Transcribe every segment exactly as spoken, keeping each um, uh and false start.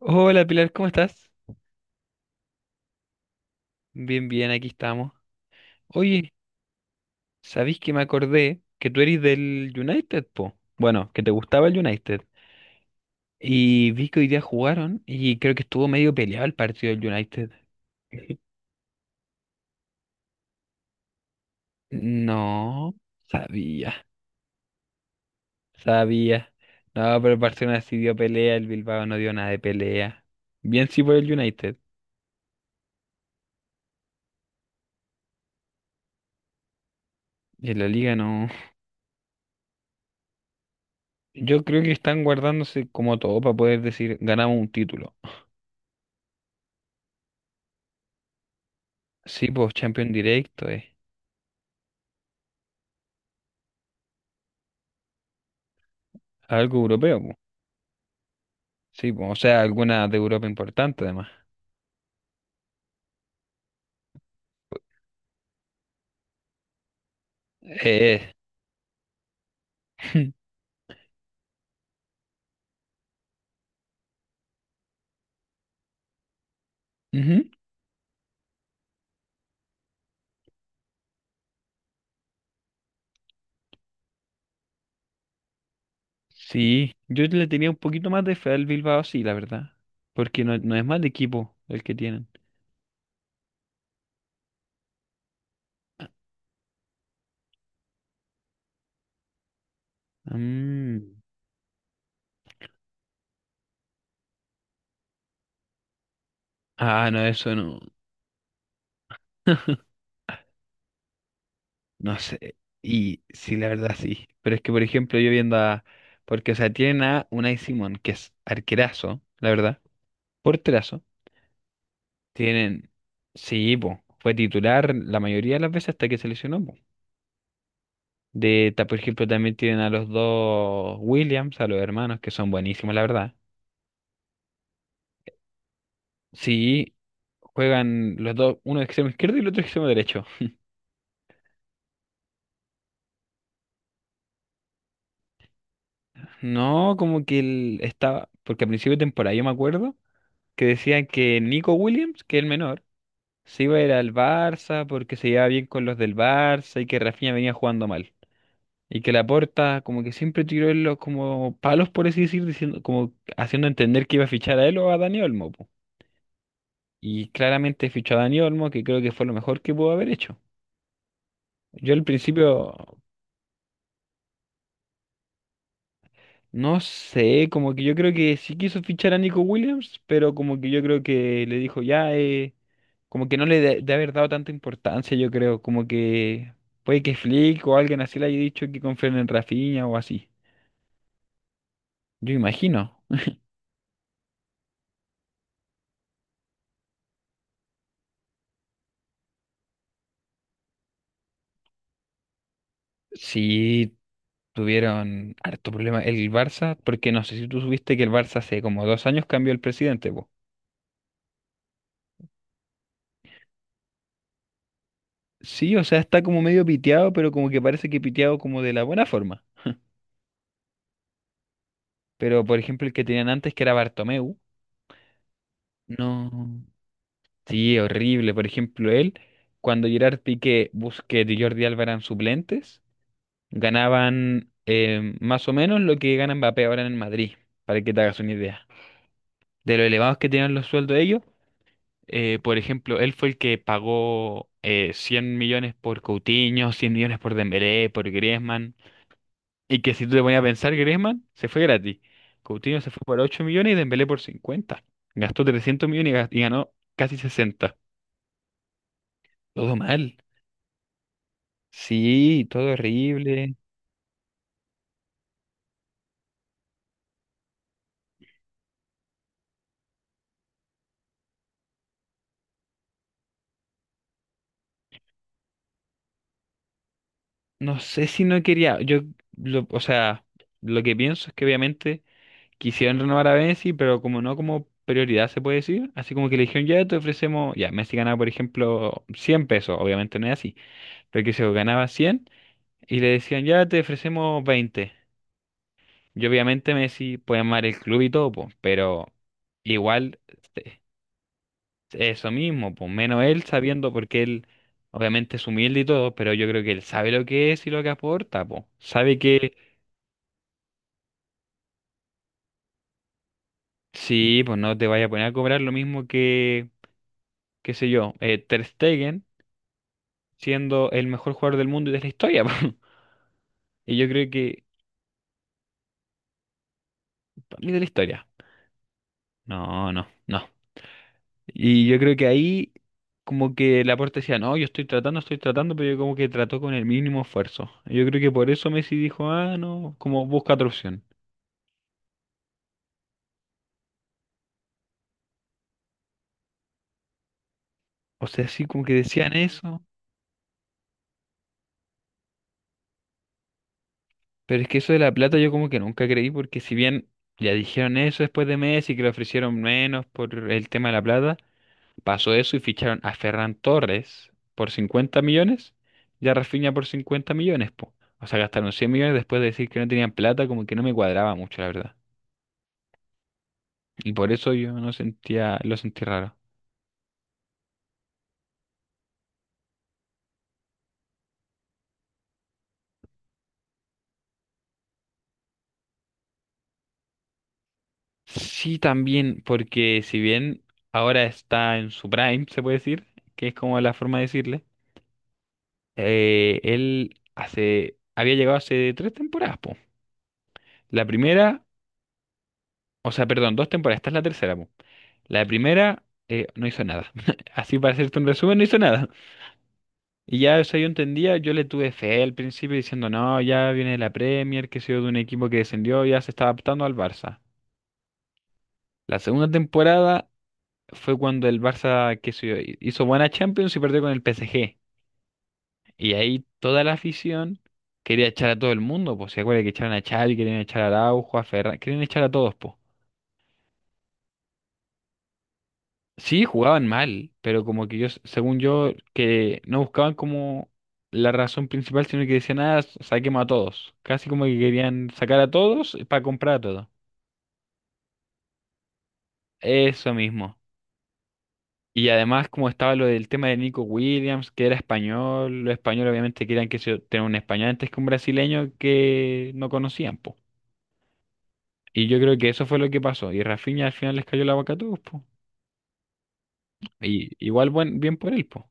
Hola Pilar, ¿cómo estás? Bien, bien, aquí estamos. Oye, ¿sabéis que me acordé que tú eres del United, po? Bueno, que te gustaba el United. Y vi que hoy día jugaron y creo que estuvo medio peleado el partido del United. No, sabía, sabía. No, pero el Barcelona sí dio pelea, el Bilbao no dio nada de pelea. Bien sí por el United. En la liga no. Yo creo que están guardándose como todo para poder decir ganamos un título. Sí, pues Champions directo, eh. Algo europeo, po. Sí, po, o sea, alguna de Europa importante además. Eh, Ujú. Sí, yo le tenía un poquito más de fe al Bilbao, sí, la verdad. Porque no, no es mal equipo el que tienen. Mm. Ah, no, eso no. No sé. Y sí, la verdad sí. Pero es que, por ejemplo, yo viendo a. Porque, o sea, tienen a Unai Simón, que es arquerazo, la verdad. Porterazo. Tienen. Sí, po. Fue titular la mayoría de las veces hasta que se lesionó, po. De, ta- por ejemplo, también tienen a los dos Williams, a los hermanos, que son buenísimos, la verdad. Sí, juegan los dos, uno de extremo izquierdo y el otro de extremo derecho. No, como que él estaba, porque a principio de temporada yo me acuerdo que decían que Nico Williams, que es el menor, se iba a ir al Barça porque se llevaba bien con los del Barça y que Rafinha venía jugando mal. Y que Laporta como que siempre tiró en los como palos, por así decir, diciendo, como haciendo entender que iba a fichar a él o a Dani Olmo, po. Y claramente fichó a Dani Olmo, que creo que fue lo mejor que pudo haber hecho. Yo al principio, no sé, como que yo creo que sí quiso fichar a Nico Williams, pero como que yo creo que le dijo ya, eh, como que no le de, de haber dado tanta importancia, yo creo, como que puede que Flick o alguien así le haya dicho que confíen en Rafinha o así. Yo imagino. Sí, tuvieron harto problema el Barça, porque no sé si tú supiste que el Barça hace como dos años cambió el presidente. Sí, o sea, está como medio piteado, pero como que parece que piteado como de la buena forma. Pero, por ejemplo, el que tenían antes, que era Bartomeu, no. Sí, horrible. Por ejemplo, él, cuando Gerard Piqué, Busquets y Jordi Alba eran suplentes, ganaban eh, más o menos lo que gana Mbappé ahora en el Madrid, para que te hagas una idea. De lo elevados que tenían los sueldos ellos, eh, por ejemplo, él fue el que pagó eh, cien millones por Coutinho, cien millones por Dembélé, por Griezmann. Y que si tú te ponías a pensar, Griezmann se fue gratis. Coutinho se fue por ocho millones y Dembélé por cincuenta. Gastó trescientos millones y gas- y ganó casi sesenta. Todo mal. Sí, todo horrible. No sé si no quería. Yo, lo- o sea, lo que pienso es que obviamente quisieron renovar a Messi, pero como no como prioridad se puede decir. Así como que le dijeron, ya te ofrecemos. Ya, Messi ganaba, por ejemplo, cien pesos. Obviamente no es así. Pero que se ganaba cien y le decían, ya te ofrecemos veinte. Yo obviamente Messi puede amar el club y todo, po, pero igual este, eso mismo, pues menos él sabiendo porque él obviamente es humilde y todo, pero yo creo que él sabe lo que es y lo que aporta, pues. Sabe que sí, pues no te vaya a poner a cobrar lo mismo que, qué sé yo, eh, Ter Stegen siendo el mejor jugador del mundo y de la historia, po. Y yo creo que para mí de la historia. No, no, no. Y yo creo que ahí como que Laporte decía, no, yo estoy tratando, estoy tratando, pero yo como que trató con el mínimo esfuerzo. Y Yo creo que por eso Messi dijo, ah, no, como busca otra opción. O sea, sí, como que decían eso, pero es que eso de la plata yo como que nunca creí, porque si bien ya dijeron eso después de Messi, que le ofrecieron menos por el tema de la plata, pasó eso y ficharon a Ferran Torres por cincuenta millones y a Rafinha por cincuenta millones, po. O sea, gastaron cien millones después de decir que no tenían plata, como que no me cuadraba mucho, la verdad. Y por eso yo no sentía, lo sentí raro. Sí, también, porque si bien ahora está en su prime, se puede decir, que es como la forma de decirle, eh, él hace, había llegado hace tres temporadas, po. La primera, o sea, perdón, dos temporadas, esta es la tercera, po. La primera eh, no hizo nada. Así para hacerte un resumen, no hizo nada. Y ya eso yo entendía, yo le tuve fe al principio diciendo, no, ya viene de la Premier, que ha sido de un equipo que descendió, ya se está adaptando al Barça. La segunda temporada fue cuando el Barça qué sé yo, hizo buena Champions y perdió con el P S G. Y ahí toda la afición quería echar a todo el mundo, pues se acuerda que echaron a Xavi, querían echar a Araujo, a Ferran, querían echar a todos, pues. Sí, jugaban mal, pero como que yo, según yo, que no buscaban como la razón principal, sino que decían, ah, saquemos a todos. Casi como que querían sacar a todos eh, para comprar a todos. Eso mismo. Y además, como estaba lo del tema de Nico Williams, que era español, los españoles obviamente querían que se tenga un español antes que un brasileño que no conocían, po. Y yo creo que eso fue lo que pasó. Y Rafinha al final les cayó la boca a todos, po. Y igual buen, bien por él, po.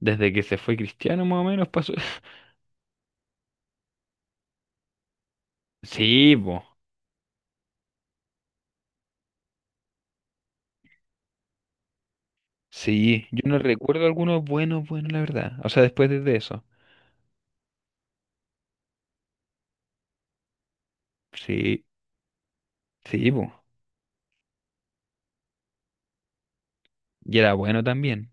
Desde que se fue Cristiano, más o menos, pasó. Sí, po. Sí, yo no recuerdo algunos buenos, buenos, la verdad. O sea, después de eso. Sí, sí, po. Y era bueno también.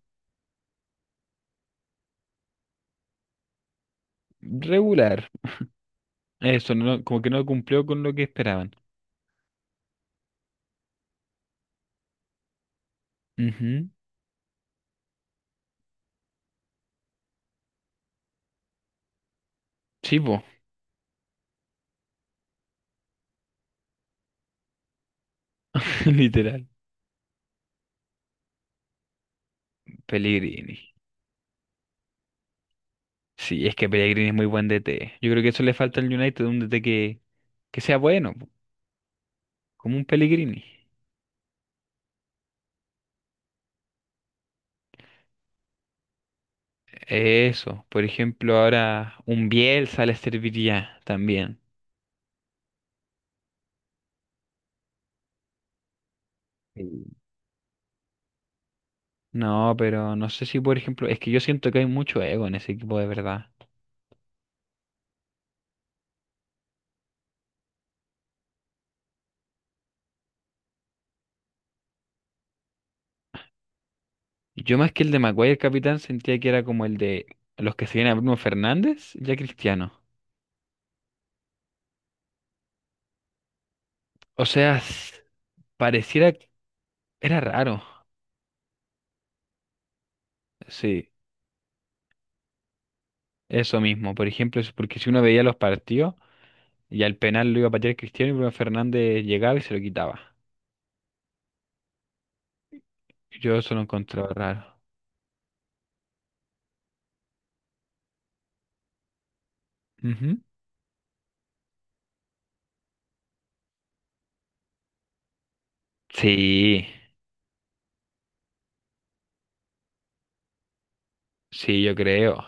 Regular. Eso, no, como que no cumplió con lo que esperaban. Ujú. Sí, po. Literal, Pellegrini. Sí, es que Pellegrini es muy buen D T. Yo creo que eso le falta al United, un D T que, que sea bueno, po, como un Pellegrini. Eso, por ejemplo, ahora un Bielsa le serviría también. Sí. No, pero no sé si, por ejemplo, es que yo siento que hay mucho ego en ese equipo de verdad. Yo más que el de Maguire, el capitán, sentía que era como el de los que seguían a Bruno Fernández, ya Cristiano. O sea, s- pareciera, era raro, sí. Eso mismo, por ejemplo, es porque si uno veía los partidos y al penal lo iba a patear Cristiano y Bruno Fernández llegaba y se lo quitaba. Yo eso lo encontraba raro. Ujú. Sí, sí, yo creo.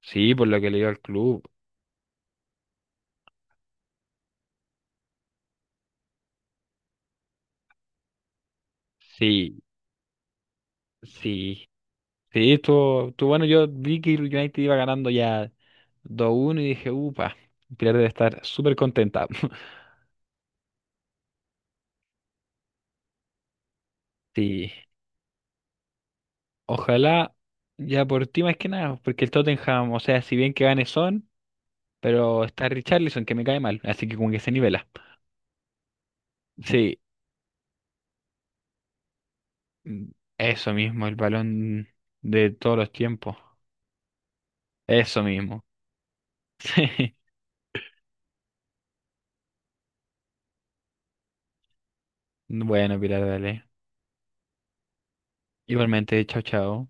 Sí, por lo que le dio al club. Sí, sí. Sí, estuvo, estuvo bueno. Yo vi que el United iba ganando ya dos a uno y dije, upa, Pilar debe estar súper contenta. Sí, ojalá ya por ti más que nada, porque el Tottenham, o sea, si bien que gane Son. Pero está Richarlison, que me cae mal, así que como que se nivela. Sí, mm, eso mismo, el balón de todos los tiempos. Eso mismo. Bueno, Pilar, dale. Igualmente, chao, chao.